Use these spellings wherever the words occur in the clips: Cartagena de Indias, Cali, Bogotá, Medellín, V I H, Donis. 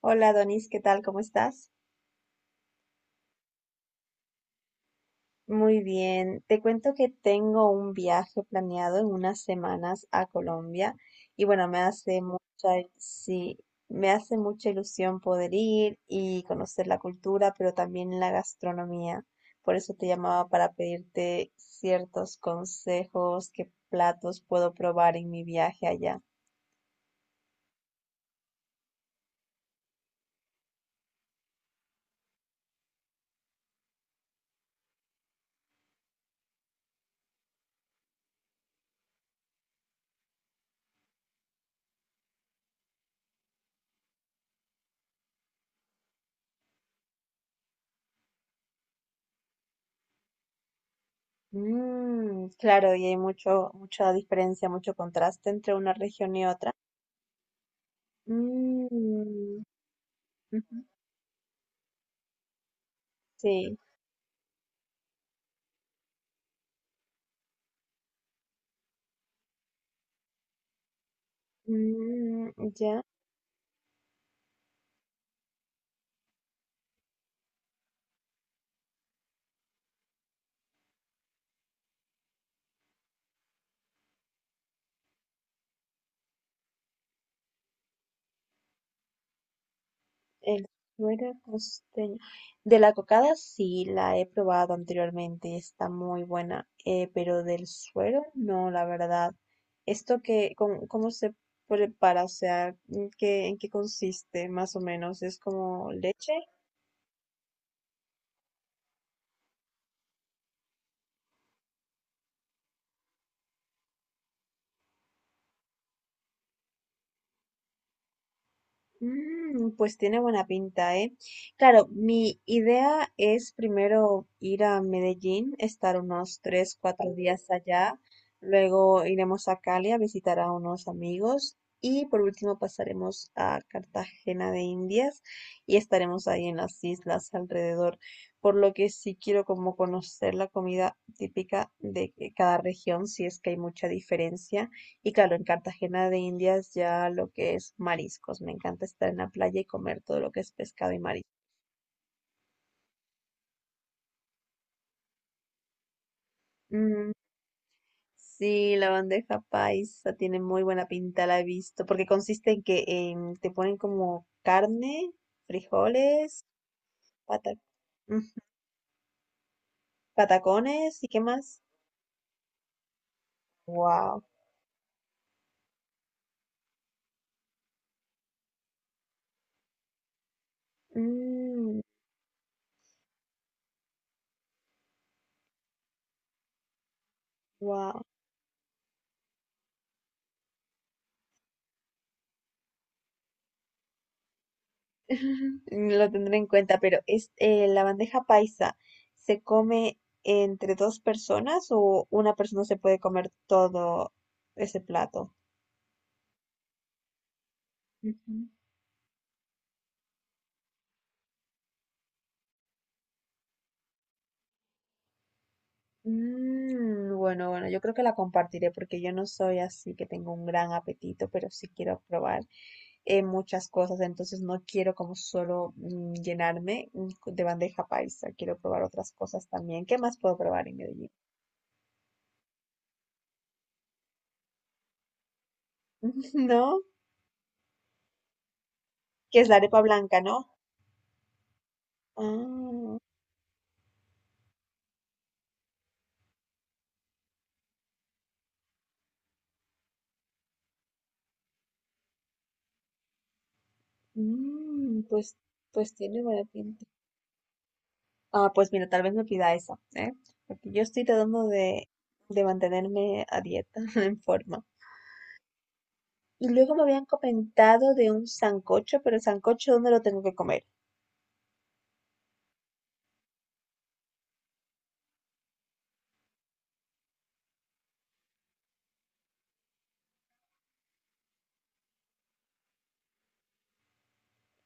Hola Donis, ¿qué tal? ¿Cómo estás? Muy bien. Te cuento que tengo un viaje planeado en unas semanas a Colombia y bueno, me hace mucha, sí, me hace mucha ilusión poder ir y conocer la cultura, pero también la gastronomía. Por eso te llamaba para pedirte ciertos consejos, qué platos puedo probar en mi viaje allá. Claro, y hay mucho, mucha diferencia, mucho contraste entre una región y otra. Mm. Ujú. Sí. Mm, ya el suero costeño. De la cocada sí la he probado anteriormente, está muy buena, pero del suero no, la verdad. ¿Esto que, cómo, cómo se prepara? O sea, en qué consiste más o menos? ¿Es como leche? Pues tiene buena pinta, ¿eh? Claro, mi idea es primero ir a Medellín, estar unos tres, cuatro días allá, luego iremos a Cali a visitar a unos amigos y por último pasaremos a Cartagena de Indias y estaremos ahí en las islas alrededor, por lo que sí quiero como conocer la comida típica de cada región, si es que hay mucha diferencia. Y claro, en Cartagena de Indias ya lo que es mariscos. Me encanta estar en la playa y comer todo lo que es pescado y marisco. Mm, sí, la bandeja paisa tiene muy buena pinta, la he visto, porque consiste en que te ponen como carne, frijoles, pata- mm, patacones y qué más. Wow. Wow. Lo tendré en cuenta, pero es la bandeja paisa se come entre dos personas o una persona se puede comer todo ese plato. Ujú. Bueno, yo creo que la compartiré porque yo no soy así que tengo un gran apetito, pero sí quiero probar muchas cosas, entonces no quiero como solo llenarme de bandeja paisa, quiero probar otras cosas también. ¿Qué más puedo probar en Medellín? ¿No? Que es la arepa blanca, ¿no? Ah. Mm, pues, pues tiene buena pinta. Ah, pues mira, tal vez me pida esa, ¿eh? Porque yo estoy tratando de mantenerme a dieta, en forma. Y luego me habían comentado de un sancocho, pero el sancocho, ¿dónde lo tengo que comer?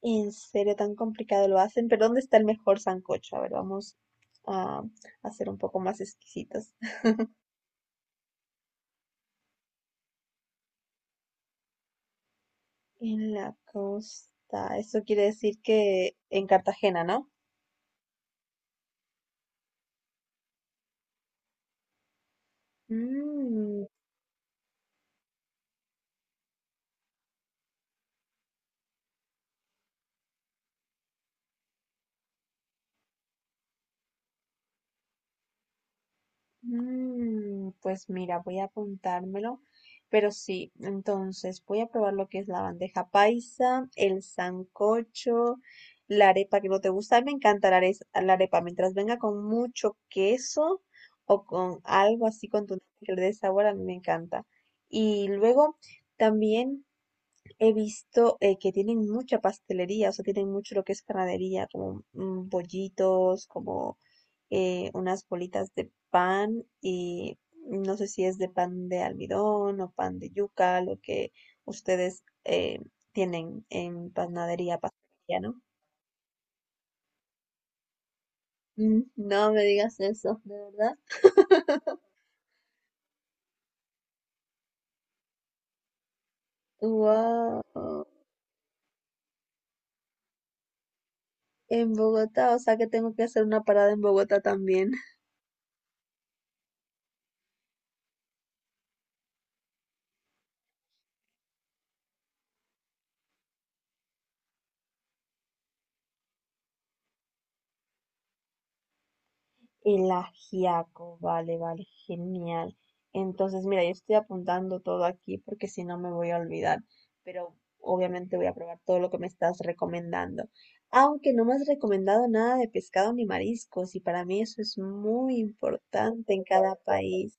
En serio, tan complicado lo hacen, pero ¿dónde está el mejor sancocho? A ver, vamos a hacer un poco más exquisitos. En la costa, eso quiere decir que en Cartagena, ¿no? Mm. Pues mira, voy a apuntármelo, pero sí, entonces voy a probar lo que es la bandeja paisa, el sancocho, la arepa que no te gusta. A mí me encanta la la arepa, mientras venga con mucho queso o con algo así contundente que le dé sabor, a mí me encanta. Y luego también he visto que tienen mucha pastelería, o sea, tienen mucho lo que es panadería, como bollitos, como unas bolitas de pan y no sé si es de pan de almidón o pan de yuca, lo que ustedes tienen en panadería, pastelería, ¿no? No me digas eso, de verdad. Wow. En Bogotá, o sea que tengo que hacer una parada en Bogotá también. El ajiaco, vale, vale, genial. Entonces, mira, yo estoy apuntando todo aquí porque si no me voy a olvidar, pero obviamente voy a probar todo lo que me estás recomendando. Aunque no me has recomendado nada de pescado ni mariscos, y para mí eso es muy importante en cada país.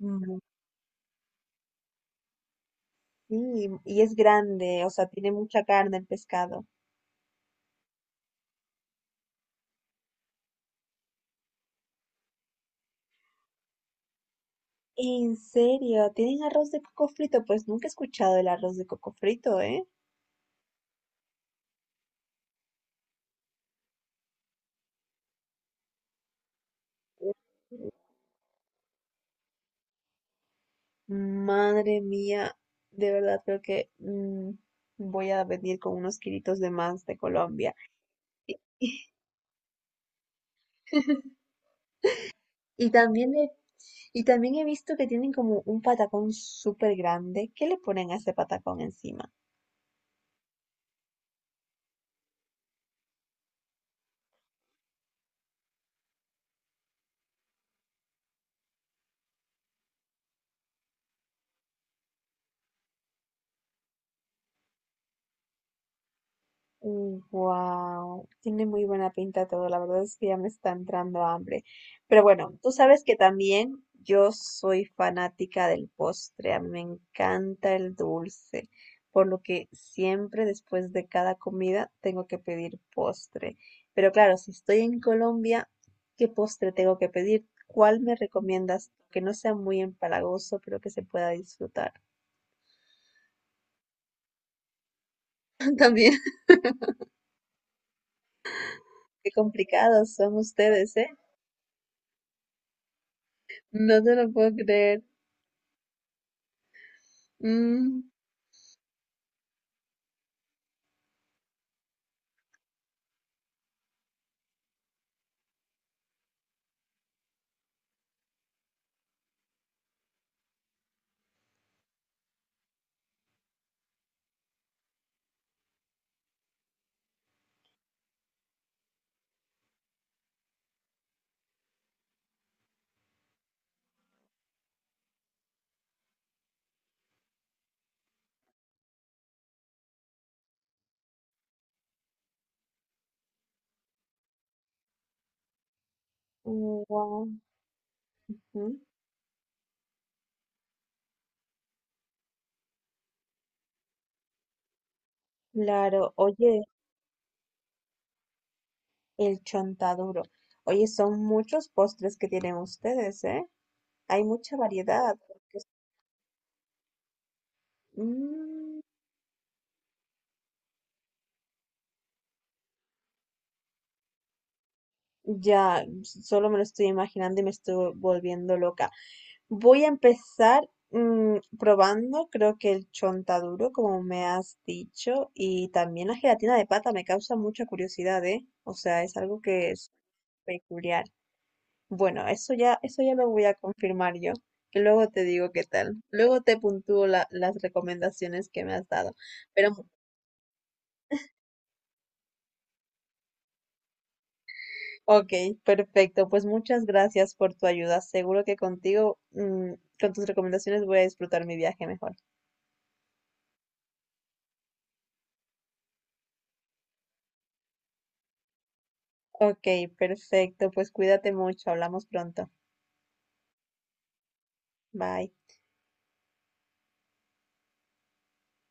Mm. Sí, y es grande, o sea, tiene mucha carne el pescado. ¿En serio? ¿Tienen arroz de coco frito? Pues nunca he escuchado el arroz de coco frito, ¿eh? Madre mía, de verdad creo que voy a venir con unos kilitos de más de Colombia. Y también he, y también he visto que tienen como un patacón súper grande. ¿Qué le ponen a ese patacón encima? Wow, tiene muy buena pinta todo, la verdad es que ya me está entrando hambre. Pero bueno, tú sabes que también yo soy fanática del postre, a mí me encanta el dulce, por lo que siempre después de cada comida tengo que pedir postre. Pero claro, si estoy en Colombia, ¿qué postre tengo que pedir? ¿Cuál me recomiendas? Que no sea muy empalagoso, pero que se pueda disfrutar. También, qué complicados son ustedes, ¿eh? No te lo puedo creer. Mm. Guau. Ujú. Claro, oye, el chontaduro. Oye, son muchos postres que tienen ustedes, ¿eh? Hay mucha variedad. Mm, ya, s- solo me lo estoy imaginando y me estoy volviendo loca. Voy a empezar probando, creo que el chontaduro, como me has dicho, y también la gelatina de pata me causa mucha curiosidad, ¿eh? O sea, es algo que es peculiar. Bueno, eso ya lo voy a confirmar yo. Y luego te digo qué tal. Luego te puntúo las recomendaciones que me has dado. Pero, ok, perfecto. Pues muchas gracias por tu ayuda. Seguro que contigo, con tus recomendaciones voy a disfrutar mi viaje mejor. Ok, perfecto. Pues cuídate mucho. Hablamos pronto. Bye.